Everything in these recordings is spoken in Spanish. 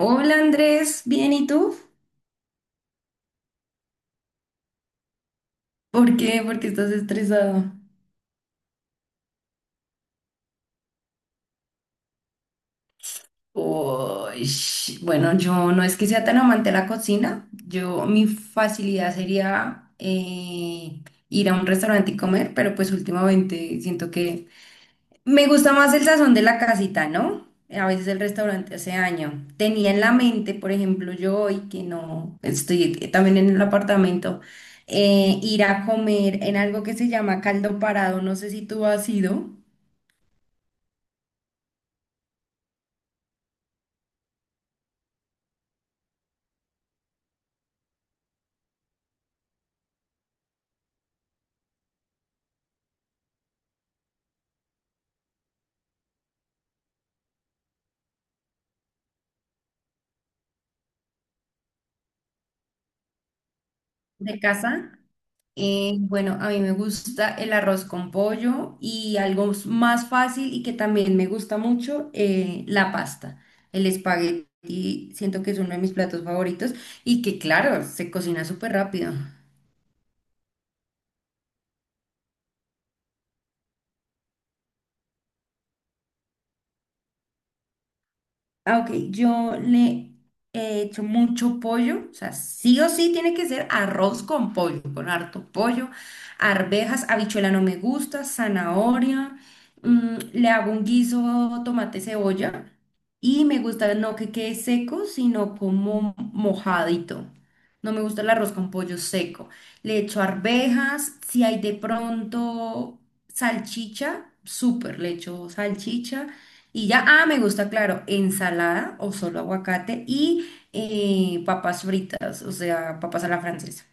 Hola Andrés, ¿bien y tú? ¿Por qué? ¿Por qué estás estresado? Uy, bueno, yo no es que sea tan amante de la cocina. Yo, mi facilidad sería ir a un restaurante y comer, pero pues últimamente siento que me gusta más el sazón de la casita, ¿no? A veces el restaurante hace año. Tenía en la mente, por ejemplo, yo hoy que no estoy también en el apartamento, ir a comer en algo que se llama caldo parado. No sé si tú has ido. De casa. Bueno, a mí me gusta el arroz con pollo y algo más fácil y que también me gusta mucho, la pasta. El espagueti, siento que es uno de mis platos favoritos y que claro, se cocina súper rápido. Ah, ok, yo le he hecho mucho pollo, o sea, sí o sí tiene que ser arroz con pollo, con harto pollo, arvejas, habichuela no me gusta, zanahoria, le hago un guiso, tomate, cebolla, y me gusta no que quede seco, sino como mojadito. No me gusta el arroz con pollo seco. Le echo arvejas, si hay de pronto salchicha, súper, le echo salchicha. Y ya, ah, me gusta, claro, ensalada o solo aguacate y papas fritas, o sea, papas a la francesa.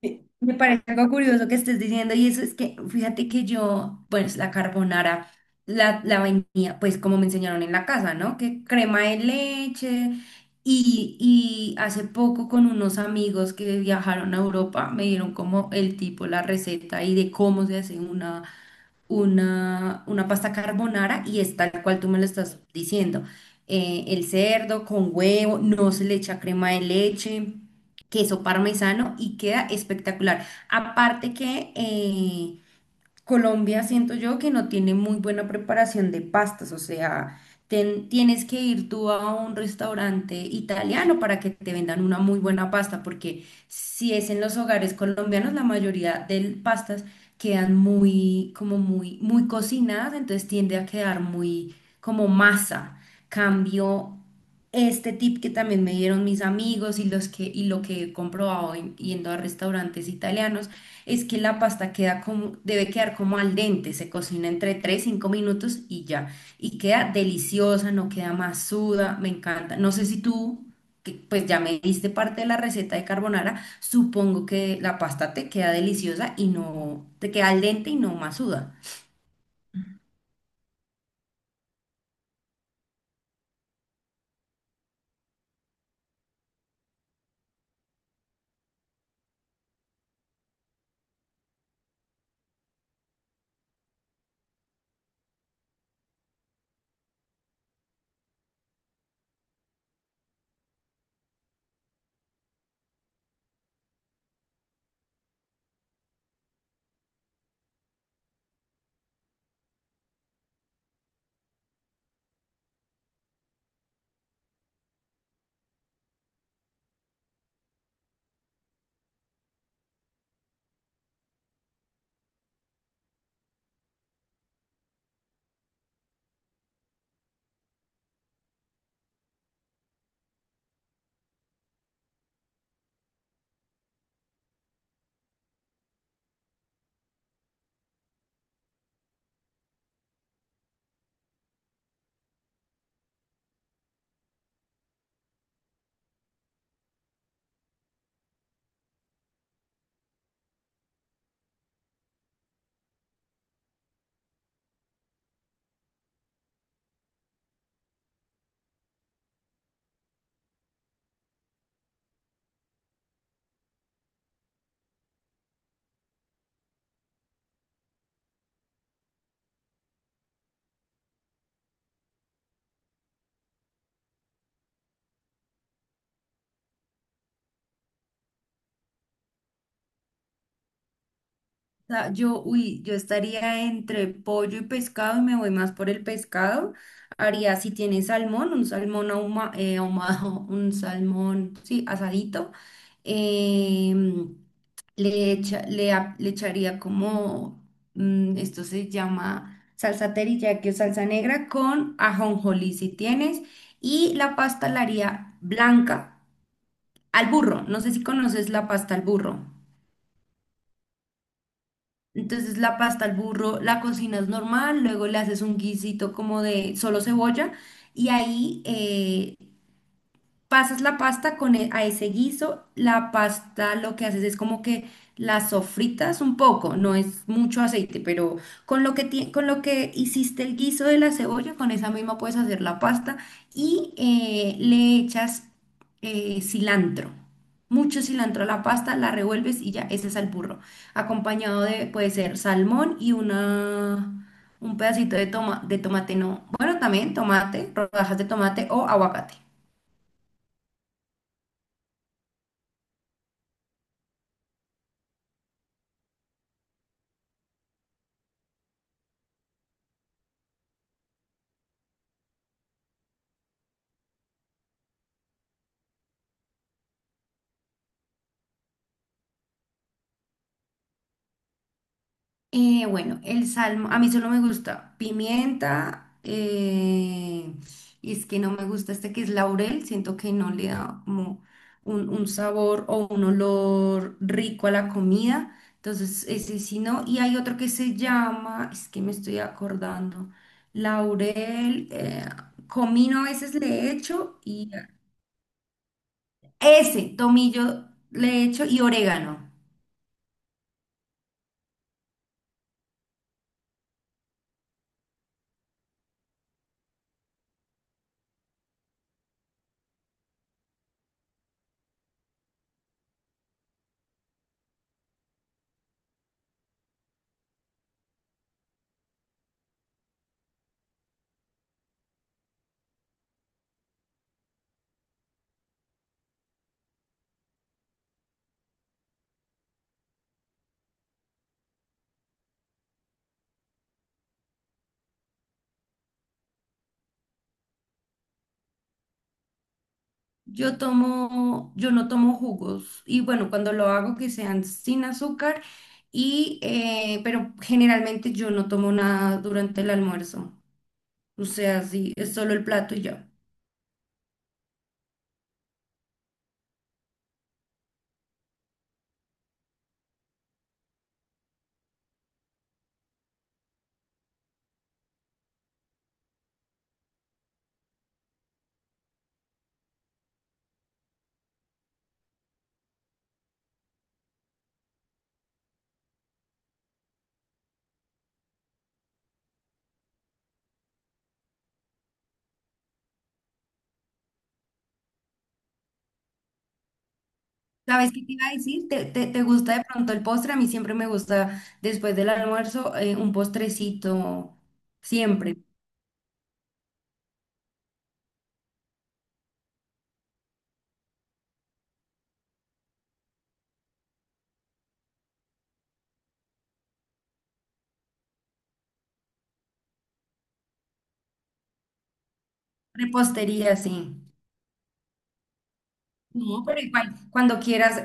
Me parece algo curioso que estés diciendo y eso es que, fíjate que yo, pues la carbonara, la vainilla, pues como me enseñaron en la casa, ¿no? Que crema de leche y hace poco con unos amigos que viajaron a Europa me dieron como el tipo, la receta y de cómo se hace una pasta carbonara y es tal cual tú me lo estás diciendo. El cerdo con huevo, no se le echa crema de leche, queso parmesano y queda espectacular. Aparte que Colombia siento yo que no tiene muy buena preparación de pastas, o sea, tienes que ir tú a un restaurante italiano para que te vendan una muy buena pasta, porque si es en los hogares colombianos, la mayoría de pastas quedan muy, como muy, muy cocinadas, entonces tiende a quedar muy como masa. Cambio este tip que también me dieron mis amigos y lo que he comprobado yendo a restaurantes italianos es que la pasta queda como, debe quedar como al dente, se cocina entre 3 5 minutos y ya. Y queda deliciosa, no queda masuda, me encanta. No sé si tú, que pues ya me diste parte de la receta de carbonara, supongo que la pasta te queda deliciosa y no, te queda al dente y no masuda. Sea, yo, uy, yo estaría entre pollo y pescado y me voy más por el pescado. Haría, si tiene salmón, un salmón ahumado, un salmón, sí, asadito. Em, le echaría como, esto se llama salsa teriyaki o salsa negra con ajonjolí si tienes. Y la pasta la haría blanca al burro. No sé si conoces la pasta al burro. Entonces la pasta al burro la cocinas normal, luego le haces un guisito como de solo cebolla y ahí pasas la pasta a ese guiso, la pasta lo que haces es como que la sofritas un poco, no es mucho aceite, pero con lo que con lo que hiciste el guiso de la cebolla, con esa misma puedes hacer la pasta y le echas cilantro. Mucho cilantro a la pasta, la revuelves y ya, ese es el burro. Acompañado de, puede ser salmón y una, un pedacito de, toma, de tomate, no. Bueno, también tomate, rodajas de tomate o aguacate. Bueno, el salmo, a mí solo me gusta pimienta, y es que no me gusta este que es laurel, siento que no le da como un sabor o un olor rico a la comida, entonces ese sí no, y hay otro que se llama, es que me estoy acordando, laurel, comino a veces le echo y ese, tomillo le echo y orégano. Yo tomo, yo no tomo jugos y bueno, cuando lo hago que sean sin azúcar y pero generalmente yo no tomo nada durante el almuerzo. O sea, sí, es solo el plato y ya. ¿Sabes qué te iba a decir? ¿Te gusta de pronto el postre? A mí siempre me gusta después del almuerzo un postrecito, siempre. Repostería, sí. No, pero igual, cuando quieras,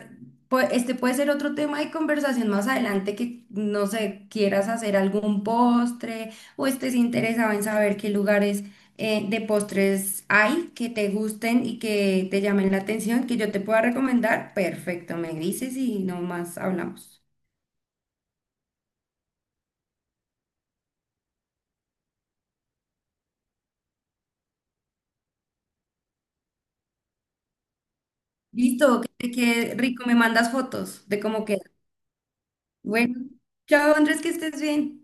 este puede ser otro tema de conversación más adelante que, no sé, quieras hacer algún postre o estés interesado en saber qué lugares de postres hay que te gusten y que te llamen la atención, que yo te pueda recomendar. Perfecto, me dices y nomás hablamos. Listo, que te quede rico, me mandas fotos de cómo queda. Bueno, chao Andrés, que estés bien.